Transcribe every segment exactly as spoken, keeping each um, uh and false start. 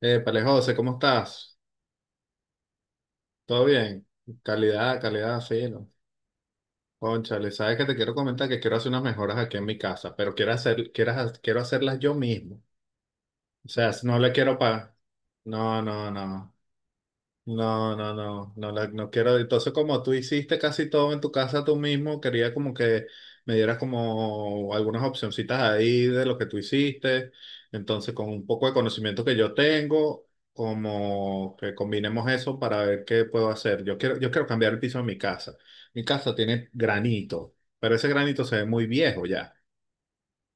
Épale, José, ¿cómo estás? ¿Todo bien? Calidad, calidad, fino. Cónchale, sabes que te quiero comentar que quiero hacer unas mejoras aquí en mi casa, pero quiero hacer, quiero, ha- quiero hacerlas yo mismo. O sea, no le quiero pagar. No, no, no. No, no, no, no, la- no quiero. Entonces, como tú hiciste casi todo en tu casa tú mismo, quería como que me dieras como algunas opcioncitas ahí de lo que tú hiciste. Entonces, con un poco de conocimiento que yo tengo, como que combinemos eso para ver qué puedo hacer. Yo quiero, yo quiero cambiar el piso de mi casa. Mi casa tiene granito, pero ese granito se ve muy viejo ya.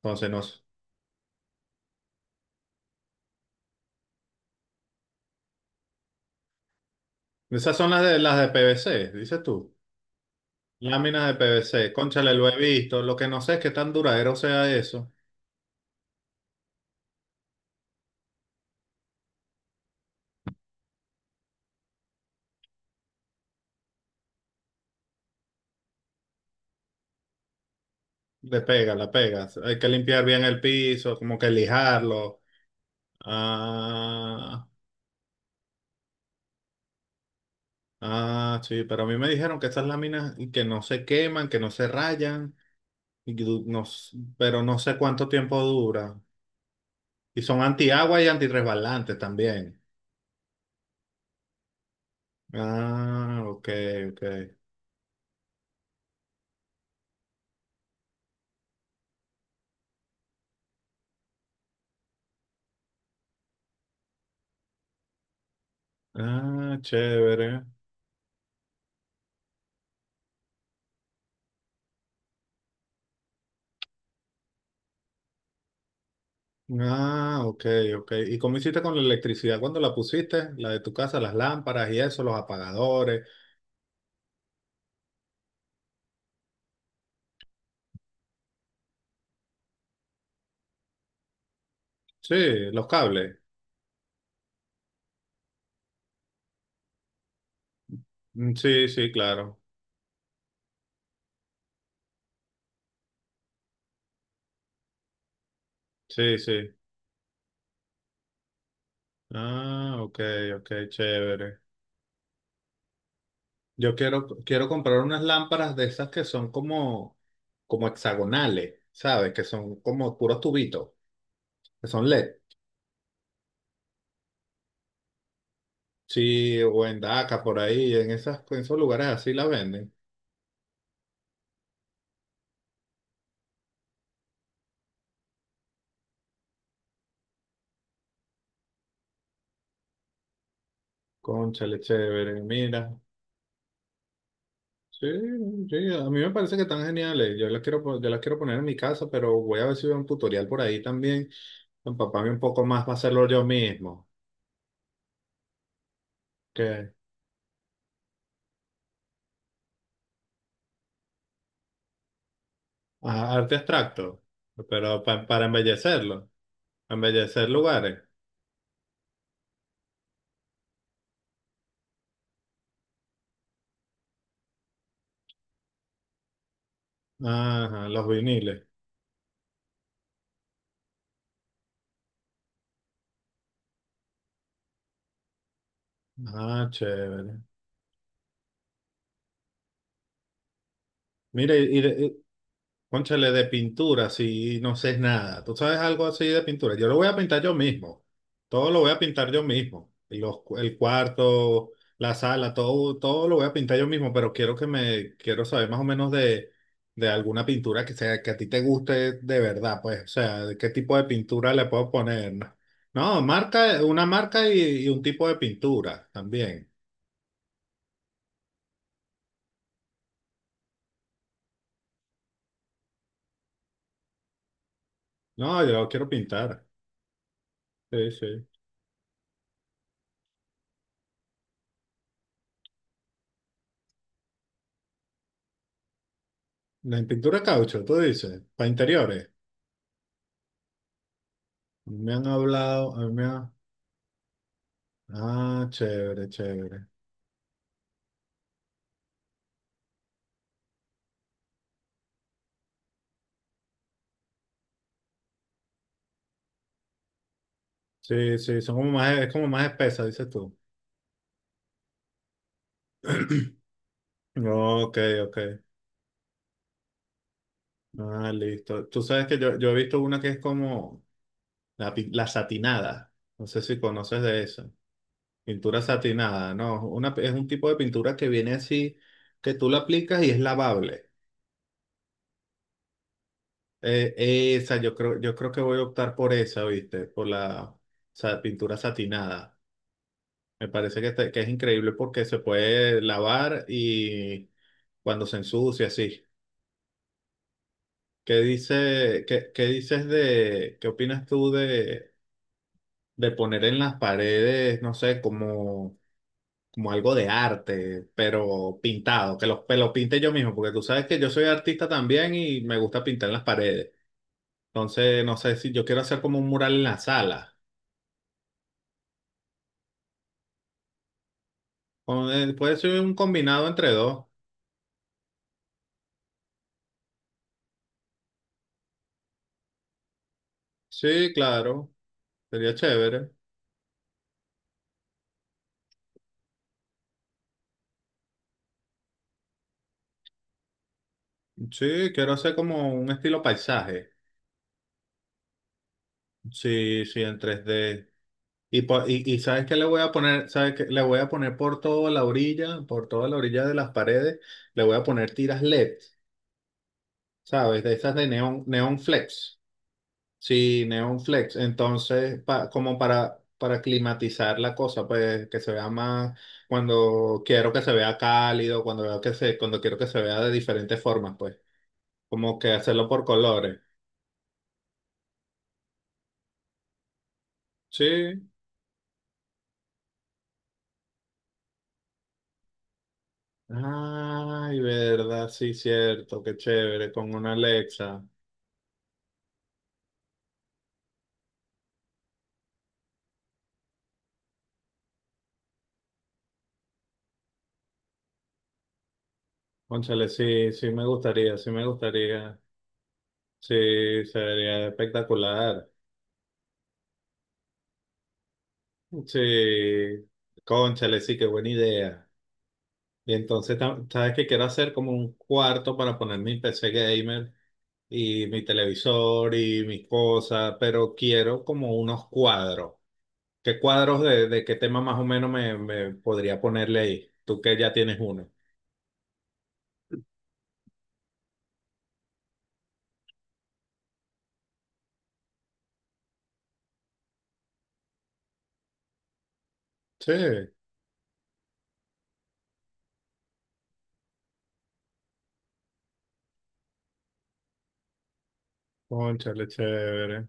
Entonces, no. Esas son las de las de P V C, dices tú. Láminas de P V C, cónchale, lo he visto. Lo que no sé es qué tan duradero sea eso. De pega, la pegas. Hay que limpiar bien el piso, como que lijarlo. Ah, ah, sí, pero a mí me dijeron que estas láminas y que no se queman, que no se rayan, y que du- no s- pero no sé cuánto tiempo dura. Y son antiagua y antirresbalantes también. Ah, ok, ok. Ah, chévere. Ah, ok, ok. ¿Y cómo hiciste con la electricidad cuando la pusiste? La de tu casa, las lámparas y eso, los apagadores. Sí, los cables. Mm, Sí, sí, claro. Sí, sí. Ah, ok, ok, chévere. Yo quiero, quiero comprar unas lámparas de esas que son como, como hexagonales, ¿sabes? Que son como puros tubitos, que son L E D. Sí, o en Daca, por ahí, en esas, en esos lugares así la venden. Cónchale, chévere, mira. Sí, sí, a mí me parece que están geniales. Yo las quiero, po- yo las quiero poner en mi casa, pero voy a ver si veo un tutorial por ahí también. Empaparme un poco más para hacerlo yo mismo. ¿Qué? Ajá, arte abstracto, pero pa- para embellecerlo, embellecer lugares. Ajá, los viniles. Ah, chévere. Mire, y, Cónchale, de pintura, si no sé nada. ¿Tú sabes algo así de pintura? Yo lo voy a pintar yo mismo. Todo lo voy a pintar yo mismo. Los cu- el cuarto, la sala, todo, todo lo voy a pintar yo mismo, pero quiero que me, quiero saber más o menos de, de alguna pintura que sea, que a ti te guste de verdad, pues. O sea, de qué tipo de pintura le puedo poner. No, no, marca, una marca y, y un tipo de pintura también. No, yo quiero pintar. Sí, sí. La pintura de caucho, tú dices, para interiores. Me han hablado, a mí me ha- Ah, chévere, chévere. Sí, sí, son como más, es como más espesa, dices tú. Ok, ok. Ah, listo. Tú sabes que yo, yo he visto una que es como la, pi- la satinada. No sé si conoces de eso. Pintura satinada, ¿no? Una, es un tipo de pintura que viene así, que tú la aplicas y es lavable. Eh, Esa, yo creo, yo creo que voy a optar por esa, ¿viste? Por la, sa- pintura satinada. Me parece que, te- que es increíble porque se puede lavar y cuando se ensucia, sí. ¿Qué dice, qué, ¿qué dices de, qué opinas tú de, de poner en las paredes, no sé, como, como algo de arte, pero pintado, que los, que lo pinte yo mismo, porque tú sabes que yo soy artista también y me gusta pintar en las paredes. Entonces, no sé si yo quiero hacer como un mural en la sala. O, eh, Puede ser un combinado entre dos. Sí, claro, sería chévere. Sí, quiero hacer como un estilo paisaje. Sí, sí, en tres d. Y, po- y, y ¿sabes qué le voy a poner? ¿Sabes qué? Le voy a poner por toda la orilla, por toda la orilla de las paredes, le voy a poner tiras L E D, ¿sabes? De esas de neón, neón flex. Sí, neón flex. Entonces, pa- como para, para climatizar la cosa, pues que se vea más, cuando quiero que se vea cálido, cuando veo que se, cuando quiero que se vea de diferentes formas, pues, como que hacerlo por colores. Sí, ay, verdad, sí, cierto, qué chévere, con una Alexa. Cónchale, sí, sí me gustaría, sí me gustaría. Sí, sería espectacular. Sí, cónchale, sí, qué buena idea. Y entonces, tam- ¿sabes qué quiero hacer? Como un cuarto para poner mi P C gamer y mi televisor y mis cosas, pero quiero como unos cuadros. ¿Qué cuadros de, de qué tema más o menos me, me podría ponerle ahí? Tú que ya tienes uno. Sí. Cónchale, chévere.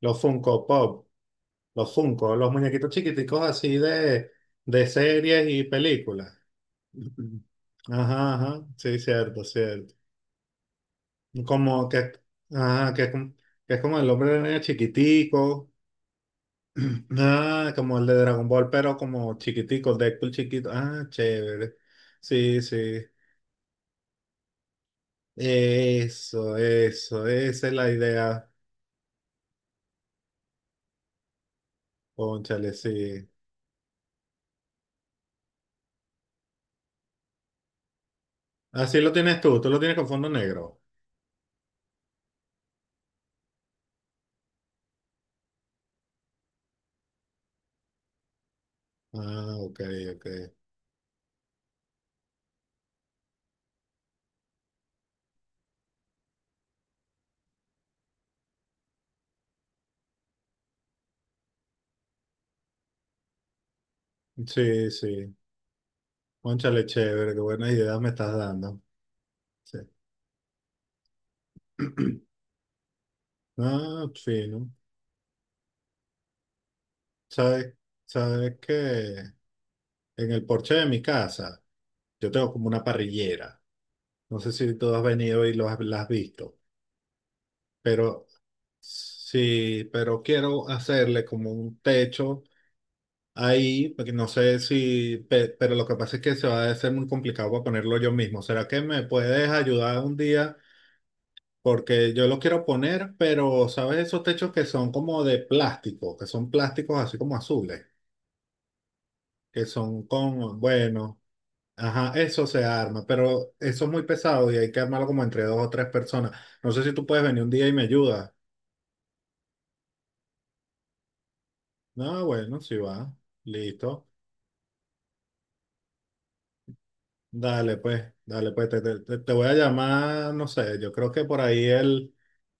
Los Funko Pop, los Funko, los muñequitos chiquiticos así de, de series y películas. Ujú. Ajá, ajá, sí, cierto, cierto. Como que, ajá, que, es como- que es como el hombre de niño chiquitico, ah, como el de Dragon Ball, pero como chiquitico, Deadpool chiquito, ah, chévere. Sí, sí, eso, eso, esa es la idea, cónchale, sí. Así lo tienes tú, tú lo tienes con fondo negro. Ah, ok, ok. Sí, sí. Cónchale, chévere, qué buenas ideas me estás dando. Sí. Ah, fino. ¿Sabes? ¿Sabes que en el porche de mi casa, yo tengo como una parrillera? No sé si tú has venido y lo has, la has visto, pero sí, pero quiero hacerle como un techo ahí, porque no sé si, pe- pero lo que pasa es que se va a hacer muy complicado para ponerlo yo mismo. ¿Será que me puedes ayudar un día? Porque yo lo quiero poner, pero ¿sabes esos techos que son como de plástico? Que son plásticos así como azules, que son con, bueno, ajá, eso se arma, pero eso es muy pesado y hay que armarlo como entre dos o tres personas. No sé si tú puedes venir un día y me ayudas. No, bueno, sí va, listo. Dale pues, dale pues, te, te- te- te voy a llamar, no sé, yo creo que por ahí el,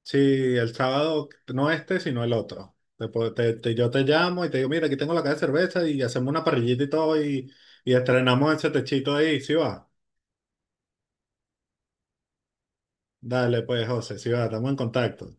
sí, el sábado, no este, sino el otro. Te po- te- te- Yo te llamo y te digo, mira, aquí tengo la caja de cerveza y hacemos una parrillita y todo y, y estrenamos ese techito ahí, ¿sí va? Dale, pues, José, sí va, estamos en contacto.